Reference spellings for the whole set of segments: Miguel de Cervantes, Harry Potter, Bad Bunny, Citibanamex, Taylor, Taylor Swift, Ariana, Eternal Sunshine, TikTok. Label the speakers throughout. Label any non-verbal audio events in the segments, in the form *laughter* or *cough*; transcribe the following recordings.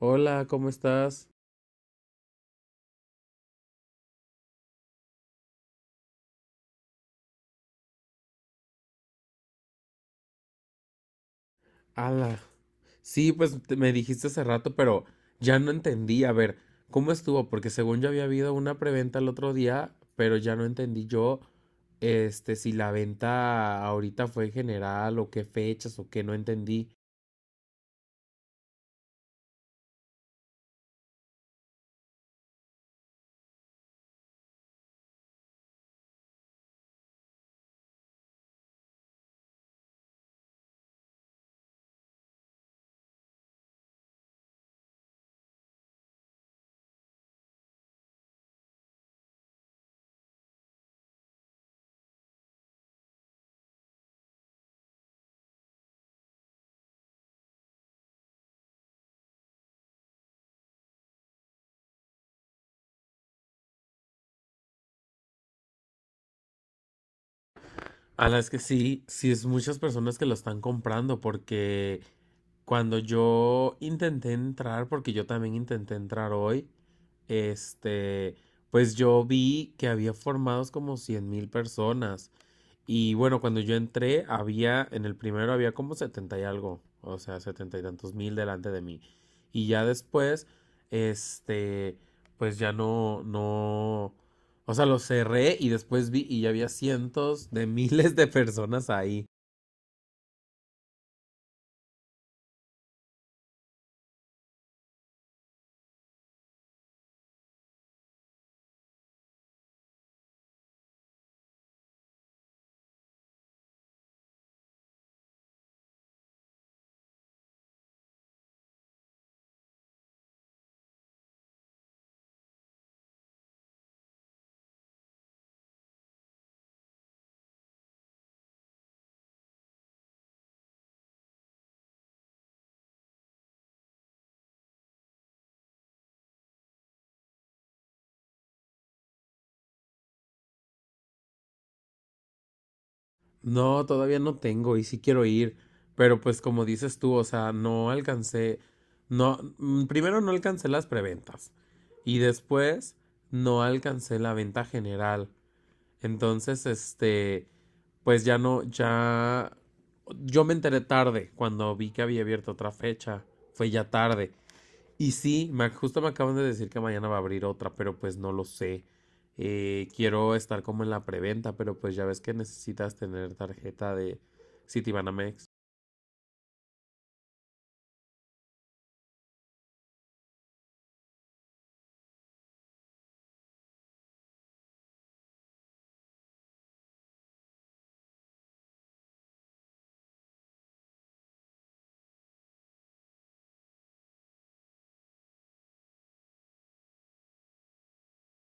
Speaker 1: Hola, ¿cómo estás? Ala. Sí, pues me dijiste hace rato, pero ya no entendí. A ver, ¿cómo estuvo? Porque según yo había habido una preventa el otro día, pero ya no entendí yo, si la venta ahorita fue en general o qué fechas o qué, no entendí. A las que sí, sí es muchas personas que lo están comprando porque cuando yo intenté entrar, porque yo también intenté entrar hoy, este, pues yo vi que había formados como 100,000 personas y bueno, cuando yo entré, había, en el primero había como 70 y algo, o sea, setenta y tantos mil delante de mí. Y ya después, este, pues ya no, o sea, lo cerré y después vi y ya había cientos de *laughs* miles de personas ahí. No, todavía no tengo y sí quiero ir, pero pues como dices tú, o sea, no alcancé, no, primero no alcancé las preventas y después no alcancé la venta general. Entonces, pues ya no, ya, yo me enteré tarde cuando vi que había abierto otra fecha, fue ya tarde. Y sí, justo me acaban de decir que mañana va a abrir otra, pero pues no lo sé. Quiero estar como en la preventa, pero pues ya ves que necesitas tener tarjeta de Citibanamex.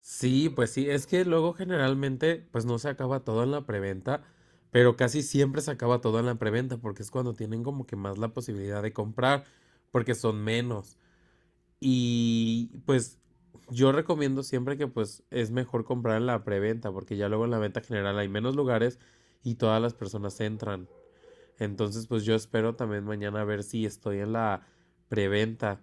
Speaker 1: Sí, pues sí, es que luego generalmente pues no se acaba todo en la preventa, pero casi siempre se acaba todo en la preventa porque es cuando tienen como que más la posibilidad de comprar porque son menos. Y pues yo recomiendo siempre que pues es mejor comprar en la preventa porque ya luego en la venta general hay menos lugares y todas las personas entran. Entonces pues yo espero también mañana a ver si estoy en la preventa.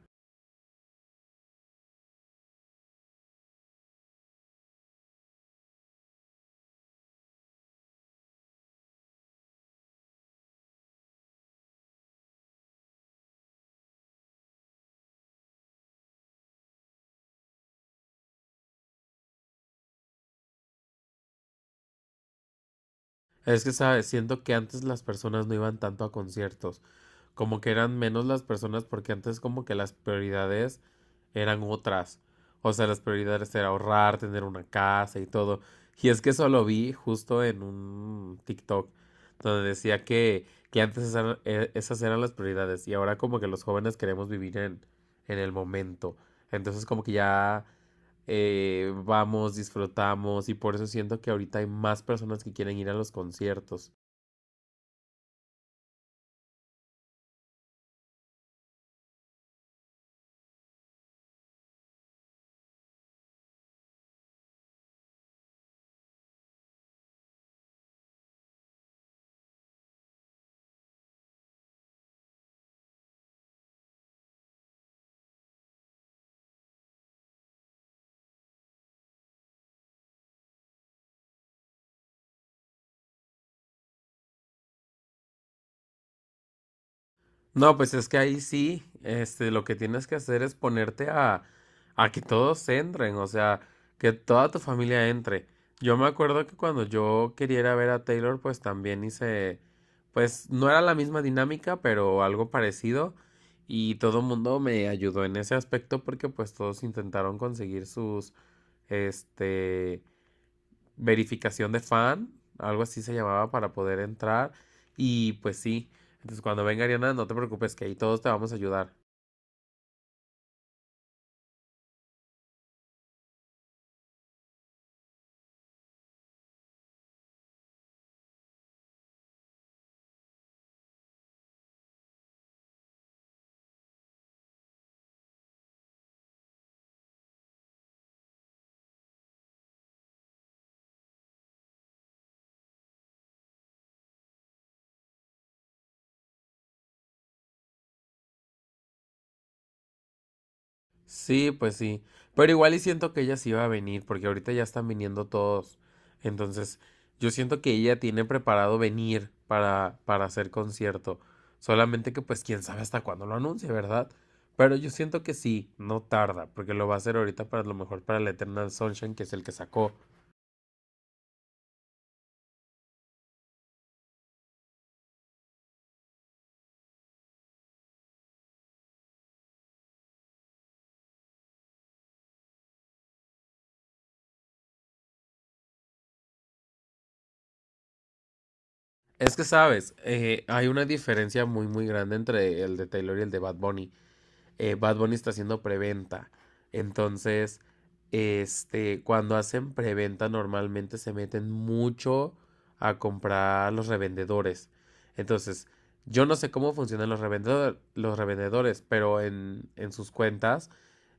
Speaker 1: Es que sabes, siento que antes las personas no iban tanto a conciertos, como que eran menos las personas porque antes como que las prioridades eran otras. O sea, las prioridades era ahorrar, tener una casa y todo. Y es que eso lo vi justo en un TikTok donde decía que antes esas eran las prioridades y ahora como que los jóvenes queremos vivir en el momento. Entonces como que ya vamos, disfrutamos y por eso siento que ahorita hay más personas que quieren ir a los conciertos. No, pues es que ahí sí, lo que tienes que hacer es ponerte a que todos entren, o sea, que toda tu familia entre. Yo me acuerdo que cuando yo quería ir a ver a Taylor, pues también hice, pues no era la misma dinámica, pero algo parecido. Y todo el mundo me ayudó en ese aspecto porque pues todos intentaron conseguir sus, este, verificación de fan, algo así se llamaba para poder entrar. Y pues sí, entonces cuando venga Ariana, no te preocupes, que ahí todos te vamos a ayudar. Sí, pues sí. Pero igual y siento que ella sí va a venir, porque ahorita ya están viniendo todos. Entonces, yo siento que ella tiene preparado venir para hacer concierto. Solamente que pues quién sabe hasta cuándo lo anuncie, ¿verdad? Pero yo siento que sí, no tarda, porque lo va a hacer ahorita para a lo mejor para el Eternal Sunshine, que es el que sacó. Es que sabes, hay una diferencia muy muy grande entre el de Taylor y el de Bad Bunny. Bad Bunny está haciendo preventa. Entonces, cuando hacen preventa normalmente se meten mucho a comprar a los revendedores. Entonces, yo no sé cómo funcionan los revendedores, pero en sus cuentas,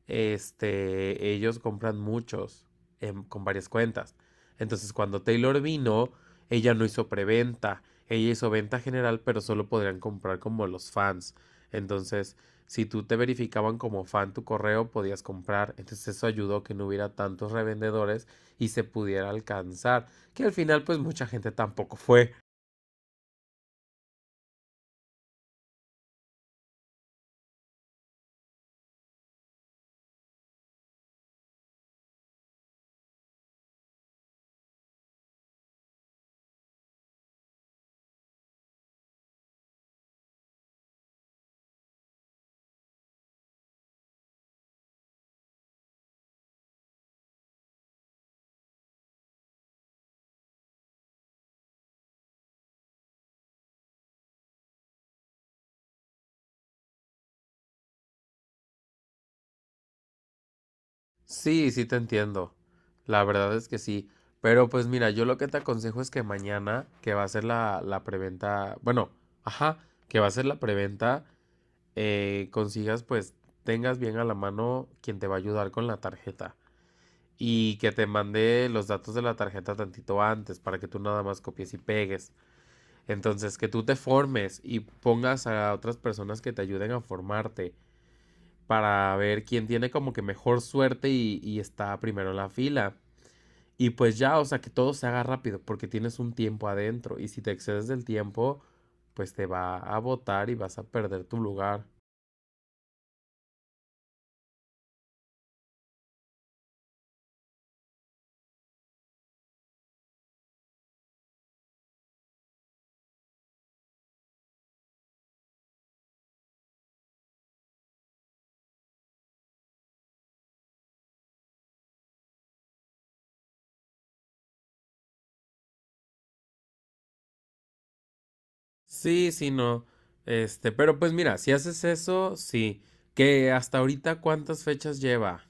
Speaker 1: ellos compran muchos con varias cuentas. Entonces, cuando Taylor vino, ella no hizo preventa, ella hizo venta general, pero solo podrían comprar como los fans. Entonces, si tú te verificaban como fan tu correo, podías comprar. Entonces eso ayudó que no hubiera tantos revendedores y se pudiera alcanzar. Que al final pues mucha gente tampoco fue. Sí, sí te entiendo. La verdad es que sí. Pero pues mira, yo lo que te aconsejo es que mañana, que va a ser la preventa, bueno, ajá, que va a ser la preventa, consigas pues tengas bien a la mano quien te va a ayudar con la tarjeta y que te mandé los datos de la tarjeta tantito antes para que tú nada más copies y pegues. Entonces, que tú te formes y pongas a otras personas que te ayuden a formarte para ver quién tiene como que mejor suerte y está primero en la fila. Y pues ya, o sea, que todo se haga rápido porque tienes un tiempo adentro y si te excedes del tiempo, pues te va a botar y vas a perder tu lugar. Sí, sí, no. Este, pero pues mira, si haces eso, sí. Que hasta ahorita cuántas fechas lleva.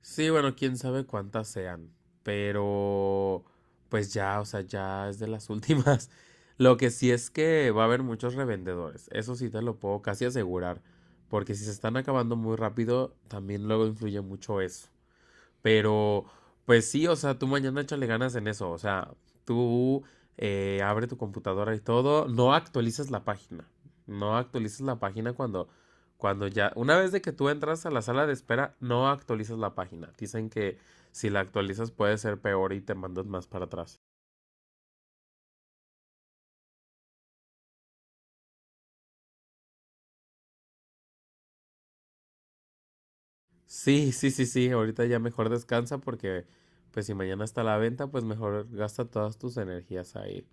Speaker 1: Sí, bueno, quién sabe cuántas sean. Pero, pues ya, o sea, ya es de las últimas. *laughs* Lo que sí es que va a haber muchos revendedores. Eso sí te lo puedo casi asegurar. Porque si se están acabando muy rápido, también luego influye mucho eso. Pero, pues sí, o sea, tú mañana échale ganas en eso. O sea, tú abre tu computadora y todo. No actualizas la página. No actualizas la página cuando, cuando ya. Una vez de que tú entras a la sala de espera, no actualizas la página. Dicen que si la actualizas puede ser peor y te mandan más para atrás. Sí, sí, sí, sí. Ahorita ya mejor descansa porque, pues si mañana está la venta, pues mejor gasta todas tus energías ahí.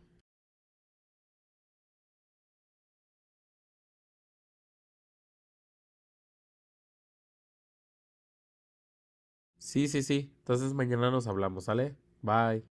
Speaker 1: Sí, sí, sí. Entonces mañana nos hablamos, ¿sale? Bye.